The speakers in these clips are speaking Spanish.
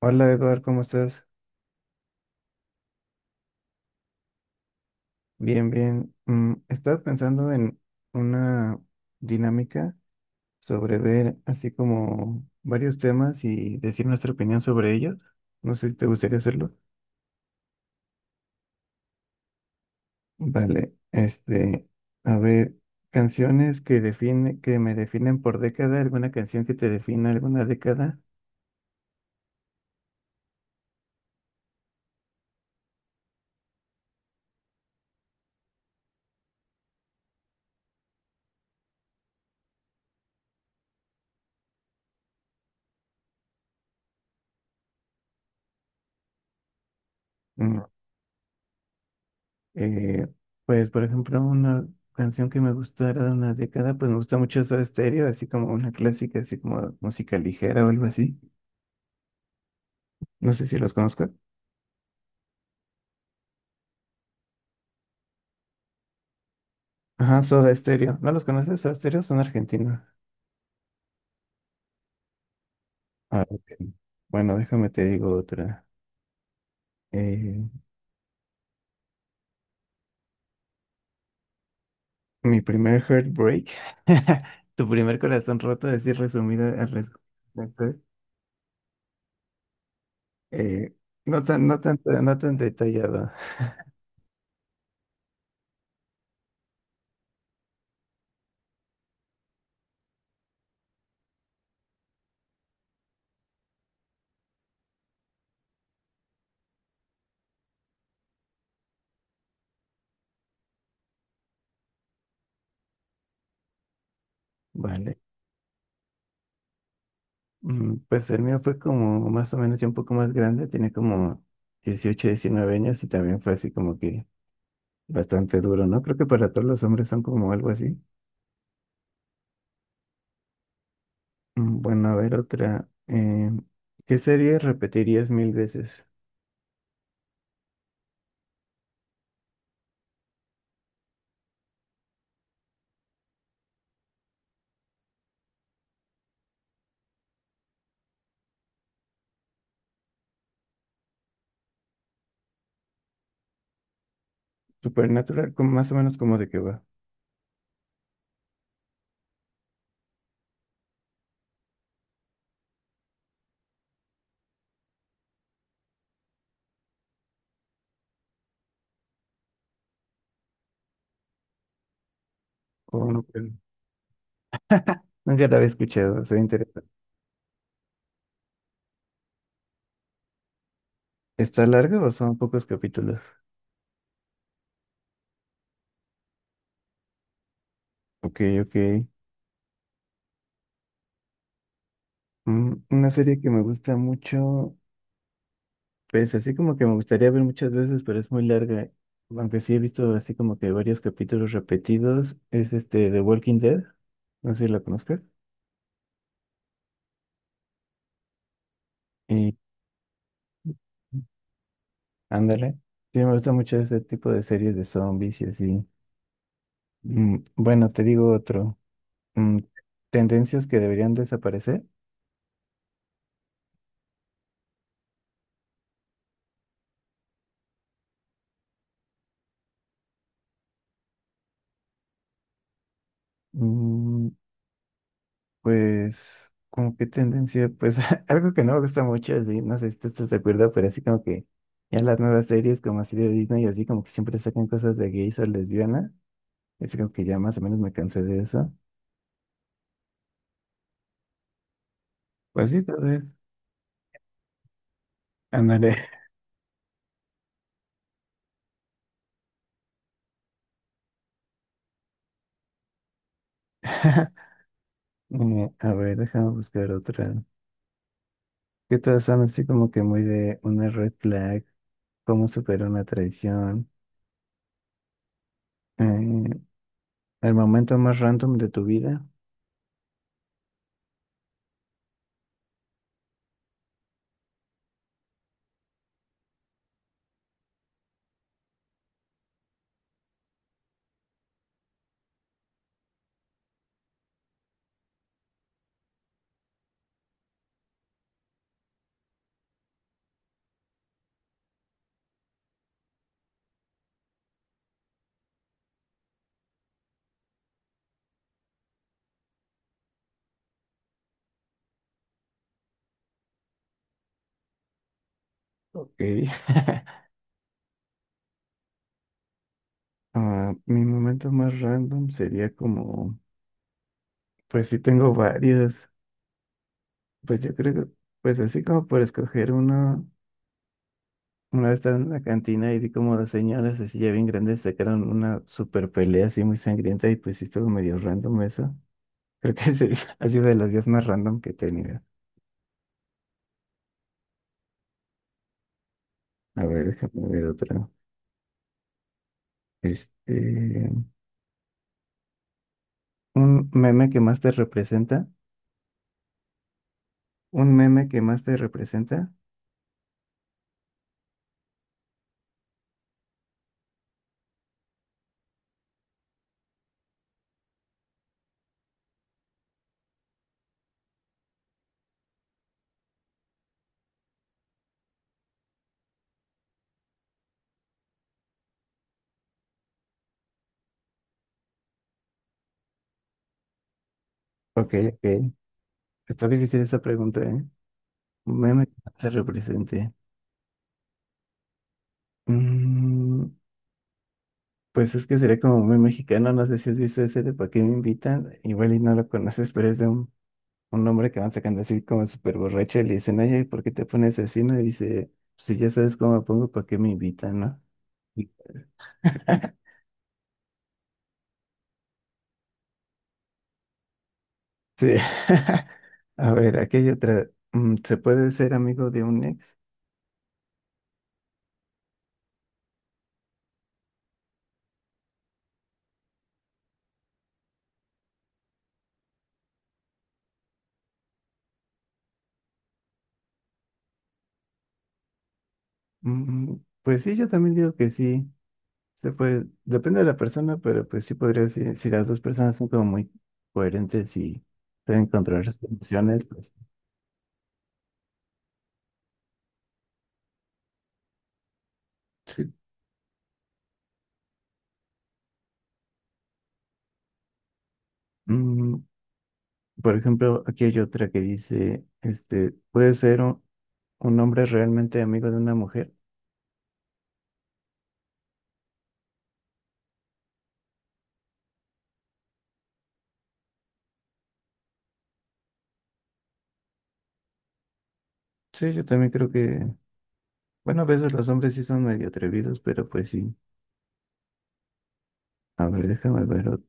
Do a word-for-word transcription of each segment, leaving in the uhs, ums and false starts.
Hola Eduardo, ¿cómo estás? Bien, bien. Mm, estaba pensando en una dinámica sobre ver así como varios temas y decir nuestra opinión sobre ellos. No sé si te gustaría hacerlo. Vale, este, a ver, canciones que define, que me definen por década, alguna canción que te defina alguna década. Mm, Eh, pues, por ejemplo, una canción que me gustó era de una década, pues me gusta mucho Soda Stereo, así como una clásica, así como música ligera o algo así. No sé si los conozco. Ajá, Soda Stereo. ¿No los conoces? Soda Stereo son argentinos. Ah, ok. Bueno, déjame te digo otra. Eh, mi primer heartbreak, tu primer corazón roto, decir resumido al res- Eh, no tan, no tan, no tan detallado. Vale. Mm, Pues el mío fue como más o menos ya un poco más grande, tenía como dieciocho diecinueve años y también fue así como que bastante duro, ¿no? Creo que para todos los hombres son como algo así. Mm, Bueno, a ver otra. eh, ¿qué serie repetirías mil veces? Supernatural, como más o menos como de qué va. O no, creo. No, ya la había escuchado, soy interesante. ¿Está larga o son pocos capítulos? Ok, ok. Mm, Una serie que me gusta mucho. Pues así como que me gustaría ver muchas veces, pero es muy larga. Aunque sí he visto así como que varios capítulos repetidos. Es este The Walking Dead. No sé si la conozcas. Y ándale. Sí, me gusta mucho ese tipo de series de zombies y así. Mm, bueno, te digo otro. Mm, tendencias que deberían desaparecer. Mm, Pues, como que tendencia, pues algo que no me gusta mucho, así, no sé si tú estás de acuerdo, pero así como que ya las nuevas series como así de Disney, así como que siempre sacan cosas de gays o lesbianas así como que ya más o menos me cansé de eso. Pues sí, tal vez, ándale. Eh, A ver, déjame buscar otra. Que todas son así como que muy de una red flag, cómo superar una traición, eh, el momento más random de tu vida. Ok. Ah, mi momento más random sería como, pues sí tengo varios, pues yo creo que, pues así como por escoger uno, una vez estaba en la cantina y vi como dos señoras así ya bien grandes sacaron una super pelea así muy sangrienta y pues sí estuvo medio random eso. Creo que ese ha sido de los días más random que he tenido. A ver, déjame ver otra. Este, un meme que más te representa, un meme que más te representa. Ok, ok. Está difícil esa pregunta, ¿eh? Un meme que se represente. Mm, pues es que sería como muy mexicano, no sé si has visto ese de ¿Para qué me invitan? Igual y no lo conoces, pero es de un, un hombre que van sacando así como súper borracho y le dicen, oye, ¿por qué te pones así? No, y dice, "Pues si ya sabes cómo me pongo, ¿para qué me invitan, no? Y- Sí. A ver, aquí hay otra. Mm, ¿Se puede ser amigo de un ex? Mm, pues sí, yo también digo que sí. Sí, pues depende de la persona, pero pues sí podría decir, si las dos personas son como muy coherentes y saben controlar sus emociones, pues sí. Mm, por ejemplo, aquí hay otra que dice, este, ¿puede ser un, un hombre realmente amigo de una mujer? Sí, yo también creo que, bueno, a veces los hombres sí son medio atrevidos, pero pues sí. A ver, déjame ver. Ot-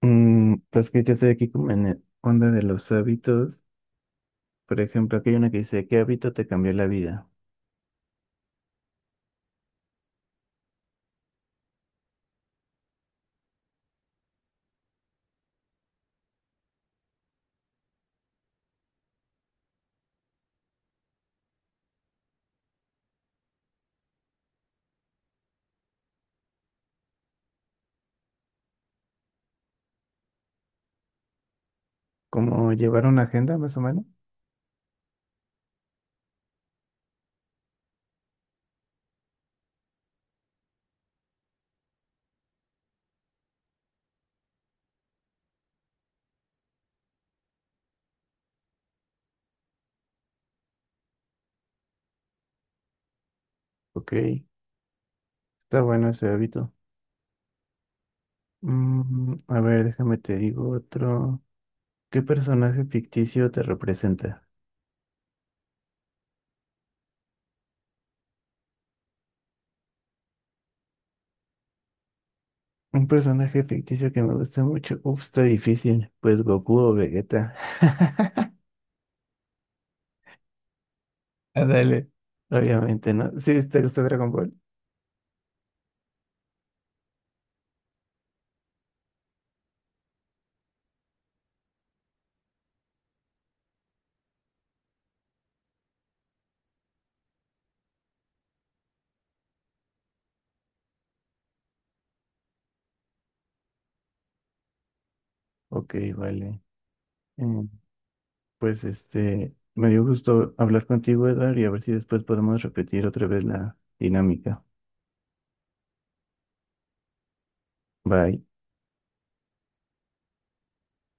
Mm, pues que ya estoy aquí como en el onda de los hábitos. Por ejemplo, aquí hay una que dice, ¿qué hábito te cambió la vida? Como llevar una agenda, más o menos. Ok, está bueno ese hábito. Mm, a ver, déjame te digo otro. ¿Qué personaje ficticio te representa? Un personaje ficticio que me gusta mucho. Uf, está difícil. Pues Goku o Vegeta. Ándale. Obviamente, ¿no? Sí, ¿te gusta Dragon Ball? Ok, vale. Mm, Pues este, me dio gusto hablar contigo, Edward, y a ver si después podemos repetir otra vez la dinámica. Bye.